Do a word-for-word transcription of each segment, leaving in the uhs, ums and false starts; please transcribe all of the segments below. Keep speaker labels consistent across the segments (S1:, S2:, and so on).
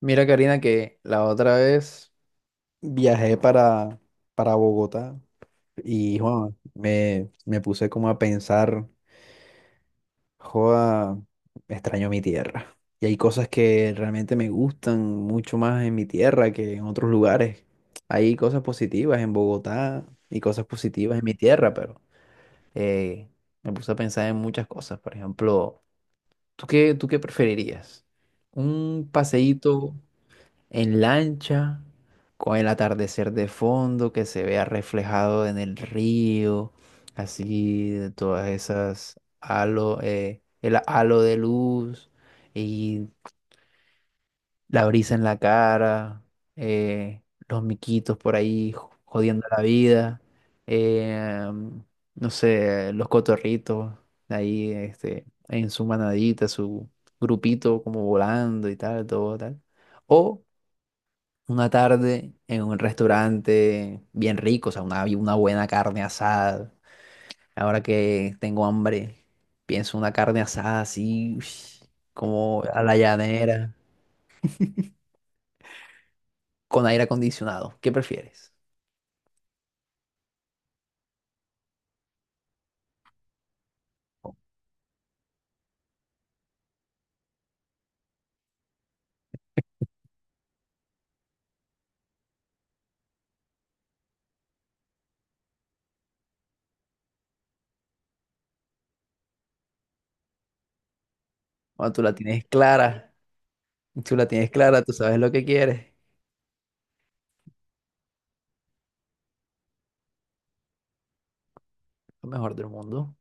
S1: Mira, Karina, que la otra vez viajé para, para Bogotá y joa, me, me puse como a pensar, joa, extraño mi tierra. Y hay cosas que realmente me gustan mucho más en mi tierra que en otros lugares. Hay cosas positivas en Bogotá y cosas positivas en mi tierra, pero eh, me puse a pensar en muchas cosas. Por ejemplo, ¿tú qué, tú qué preferirías? ¿Un paseíto en lancha, con el atardecer de fondo que se vea reflejado en el río, así de todas esas halo, eh, el halo de luz y la brisa en la cara, eh, los miquitos por ahí jo- jodiendo la vida, eh, no sé, los cotorritos ahí este, en su manadita, su grupito como volando y tal, todo tal? O una tarde en un restaurante bien rico, o sea, una, una buena carne asada. Ahora que tengo hambre, pienso una carne asada así, ush, como a la llanera, con aire acondicionado. ¿Qué prefieres? Cuando tú la tienes clara, tú la tienes clara, tú sabes lo que quieres, lo mejor del mundo.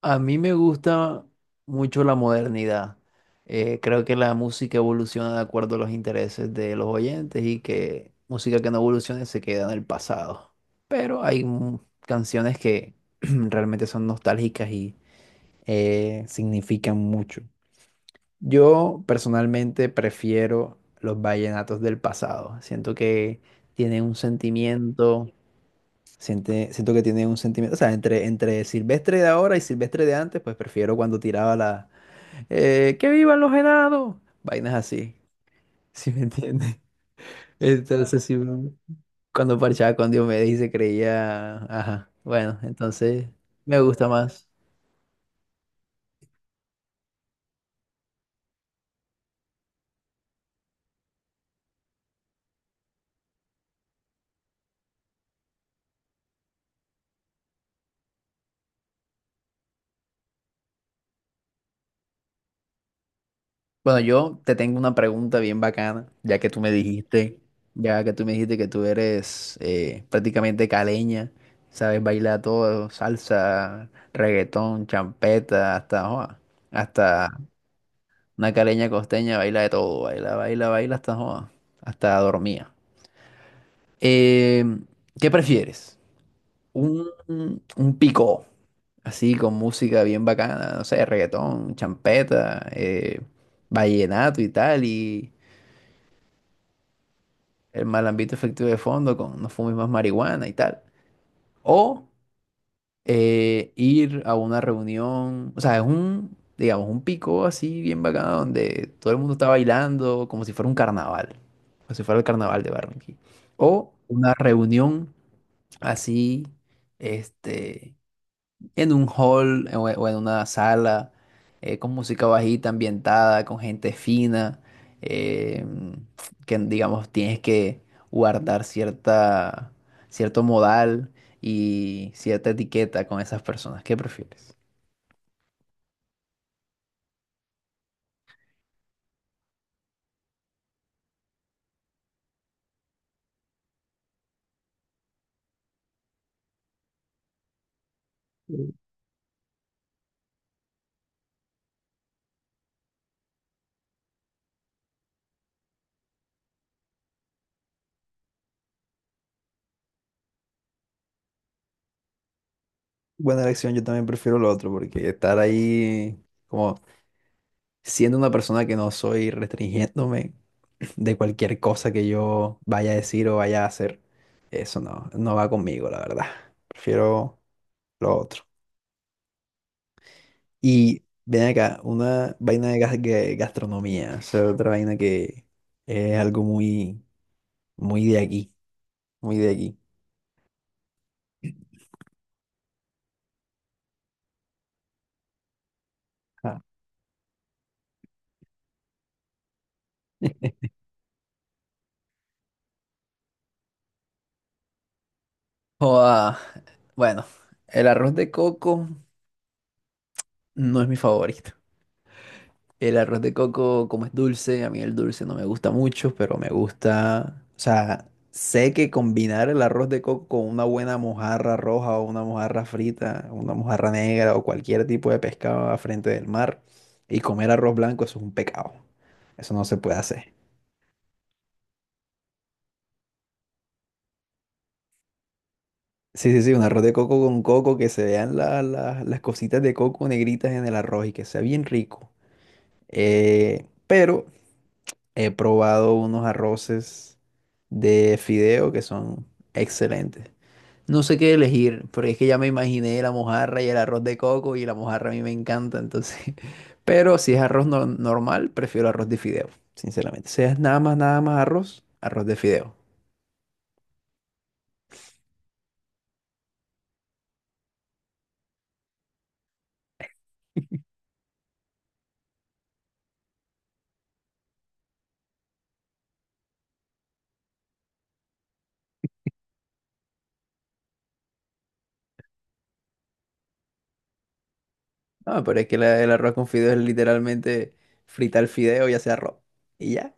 S1: A mí me gusta mucho la modernidad. Eh, creo que la música evoluciona de acuerdo a los intereses de los oyentes y que música que no evolucione se queda en el pasado. Pero hay mu- canciones que realmente son nostálgicas y eh, significan mucho. Yo personalmente prefiero los vallenatos del pasado. Siento que tienen un sentimiento, Siente- siento que tiene un sentimiento, o sea, entre, entre Silvestre de ahora y Silvestre de antes, pues prefiero cuando tiraba la. Eh, Que vivan los helados! Vainas así, ¿sí me entiendes? Entonces, sí, mm, cuando parchaba con Diomedes y se creía. Ajá, bueno, entonces me gusta más. Bueno, yo te tengo una pregunta bien bacana, ya que tú me dijiste, ya que tú me dijiste que tú eres eh, prácticamente caleña, sabes bailar todo, salsa, reggaetón, champeta, hasta joa, hasta una caleña costeña baila de todo, baila, baila, baila hasta joa, hasta dormía. Eh, ¿Qué prefieres? Un, un picó, así con música bien bacana, no sé, reggaetón, champeta, eh, vallenato y tal, y el mal ambiente efectivo de fondo con no fumes más marihuana y tal. O eh, ir a una reunión, o sea, es un, digamos, un pico así bien bacano donde todo el mundo está bailando como si fuera un carnaval, como si fuera el carnaval de Barranquilla. O una reunión así, este, en un hall o o en una sala, eh, con música bajita, ambientada, con gente fina, eh, que digamos tienes que guardar cierta, cierto modal y cierta etiqueta con esas personas. ¿Qué prefieres? Buena elección, yo también prefiero lo otro, porque estar ahí como siendo una persona que no soy, restringiéndome de cualquier cosa que yo vaya a decir o vaya a hacer, eso no, no va conmigo, la verdad. Prefiero lo otro. Y ven acá, una vaina de gas- que- gastronomía, o sea, otra vaina que es algo muy, muy de aquí, muy de aquí. Ah. Joda, bueno, el arroz de coco no es mi favorito. El arroz de coco, como es dulce, a mí el dulce no me gusta mucho, pero me gusta, o sea, sé que combinar el arroz de coco con una buena mojarra roja o una mojarra frita, una mojarra negra o cualquier tipo de pescado a frente del mar y comer arroz blanco, eso es un pecado. Eso no se puede hacer. Sí, sí, sí, un arroz de coco con coco, que se vean la- la- las cositas de coco negritas en el arroz y que sea bien rico. Eh, pero he probado unos arroces de fideo que son excelentes. No sé qué elegir, porque es que ya me imaginé la mojarra y el arroz de coco y la mojarra a mí me encanta, entonces. Pero si es arroz no- normal, prefiero arroz de fideo, sinceramente. Si es nada más, nada más arroz, arroz de fideo. No, pero es que la- el arroz con fideo es literalmente fritar el fideo y hacer arroz. Y ya,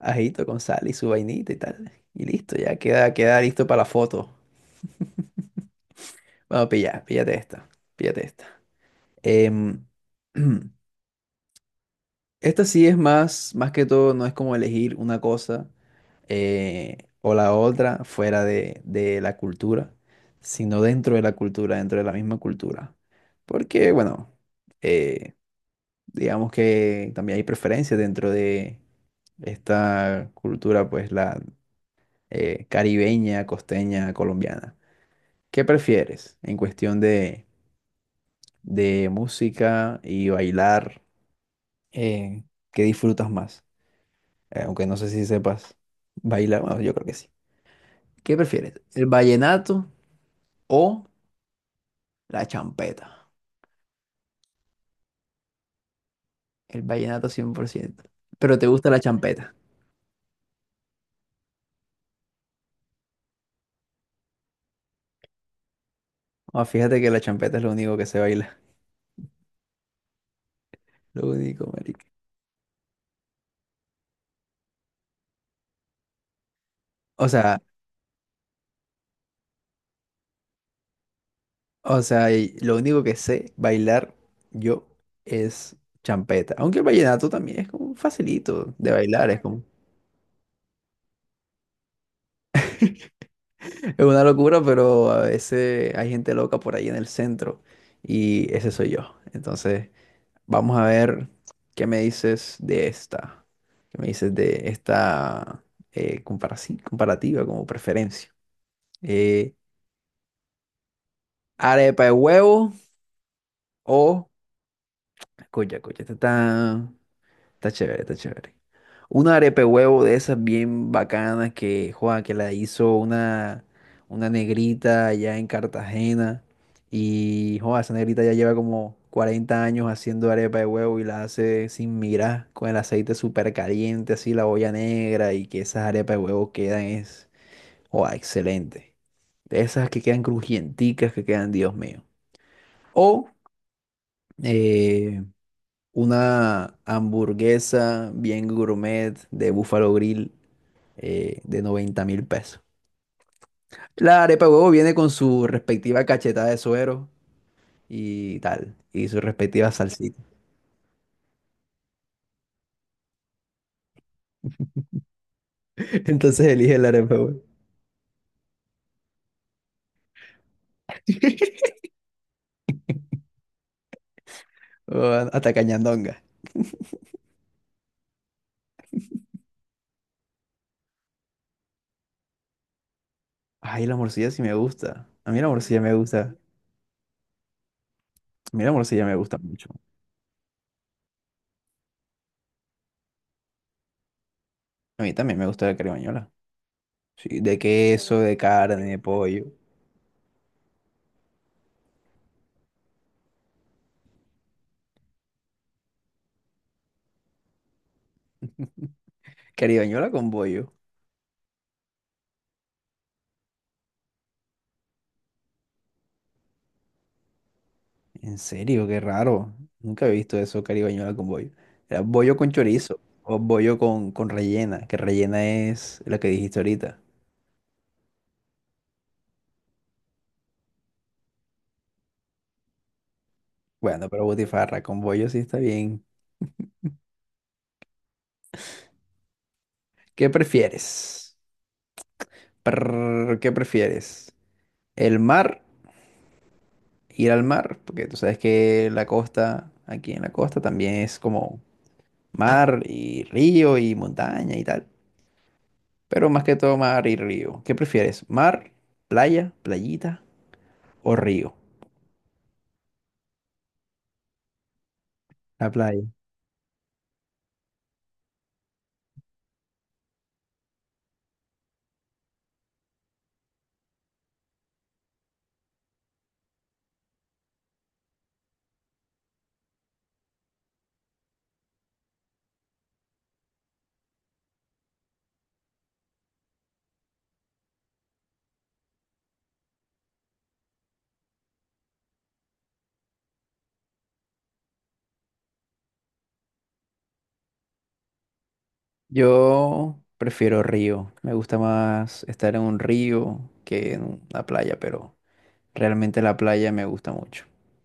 S1: ajito con sal y su vainita y tal. Y listo, ya queda, queda, listo para la foto. Bueno, pilla, píllate esta, píllate esta. Em, esta sí es más, más que todo, no es como elegir una cosa eh, o la otra fuera de, de la cultura, sino dentro de la cultura, dentro de la misma cultura. Porque, bueno, eh, digamos que también hay preferencias dentro de esta cultura, pues la eh, caribeña, costeña, colombiana. ¿Qué prefieres en cuestión de, de música y bailar? eh, Qué disfrutas más? Eh, aunque no sé si sepas bailar, bueno, yo creo que sí. ¿Qué prefieres? ¿El vallenato o la champeta? El vallenato cien por ciento. Pero te gusta la champeta. Ah, fíjate que la champeta es lo único que sé bailar. Lo único, marica. O sea, o sea, y lo único que sé bailar yo es champeta. Aunque el vallenato también es como facilito de bailar, es como es una locura, pero a veces hay gente loca por ahí en el centro y ese soy yo. Entonces, vamos a ver qué me dices de esta. ¿Qué me dices de esta eh, comparaci- comparativa como preferencia? Eh, ¿Arepa de huevo o... Escucha, escucha, esta está... está chévere, está chévere. Una arepe huevo de esas bien bacanas que, Juan, que la hizo una, una negrita allá en Cartagena. Y, Juan, esa negrita ya lleva como cuarenta años haciendo arepa de huevo y la hace sin mirar, con el aceite súper caliente, así la olla negra y que esas arepas de huevo quedan es, Juan, excelente. De esas que quedan crujienticas, que quedan, Dios mío. O, eh, una hamburguesa bien gourmet de Buffalo Grill eh, de noventa mil pesos. La arepa de huevo viene con su respectiva cachetada de suero y tal, y su respectiva salsita. Entonces elige la arepa de huevo. O hasta cañandonga. Ay, la morcilla sí me gusta. A mí la morcilla me gusta. A mí la morcilla me gusta mucho. A mí también me gusta la caribañola. Sí, de queso, de carne, de pollo. Caribañola con pollo. En serio, qué raro. Nunca he visto eso caribañola con bollo. Era bollo con chorizo o bollo con, con rellena, que rellena es lo que dijiste ahorita. Bueno, pero butifarra con bollo sí está bien. ¿Qué prefieres? Prrr, ¿qué prefieres? ¿El mar? ¿Ir al mar? Porque tú sabes que la costa, aquí en la costa también es como mar y río y montaña y tal. Pero más que todo mar y río. ¿Qué prefieres? ¿Mar, playa, playita o río? La playa. Yo prefiero río. Me gusta más estar en un río que en una playa, pero realmente la playa me gusta mucho.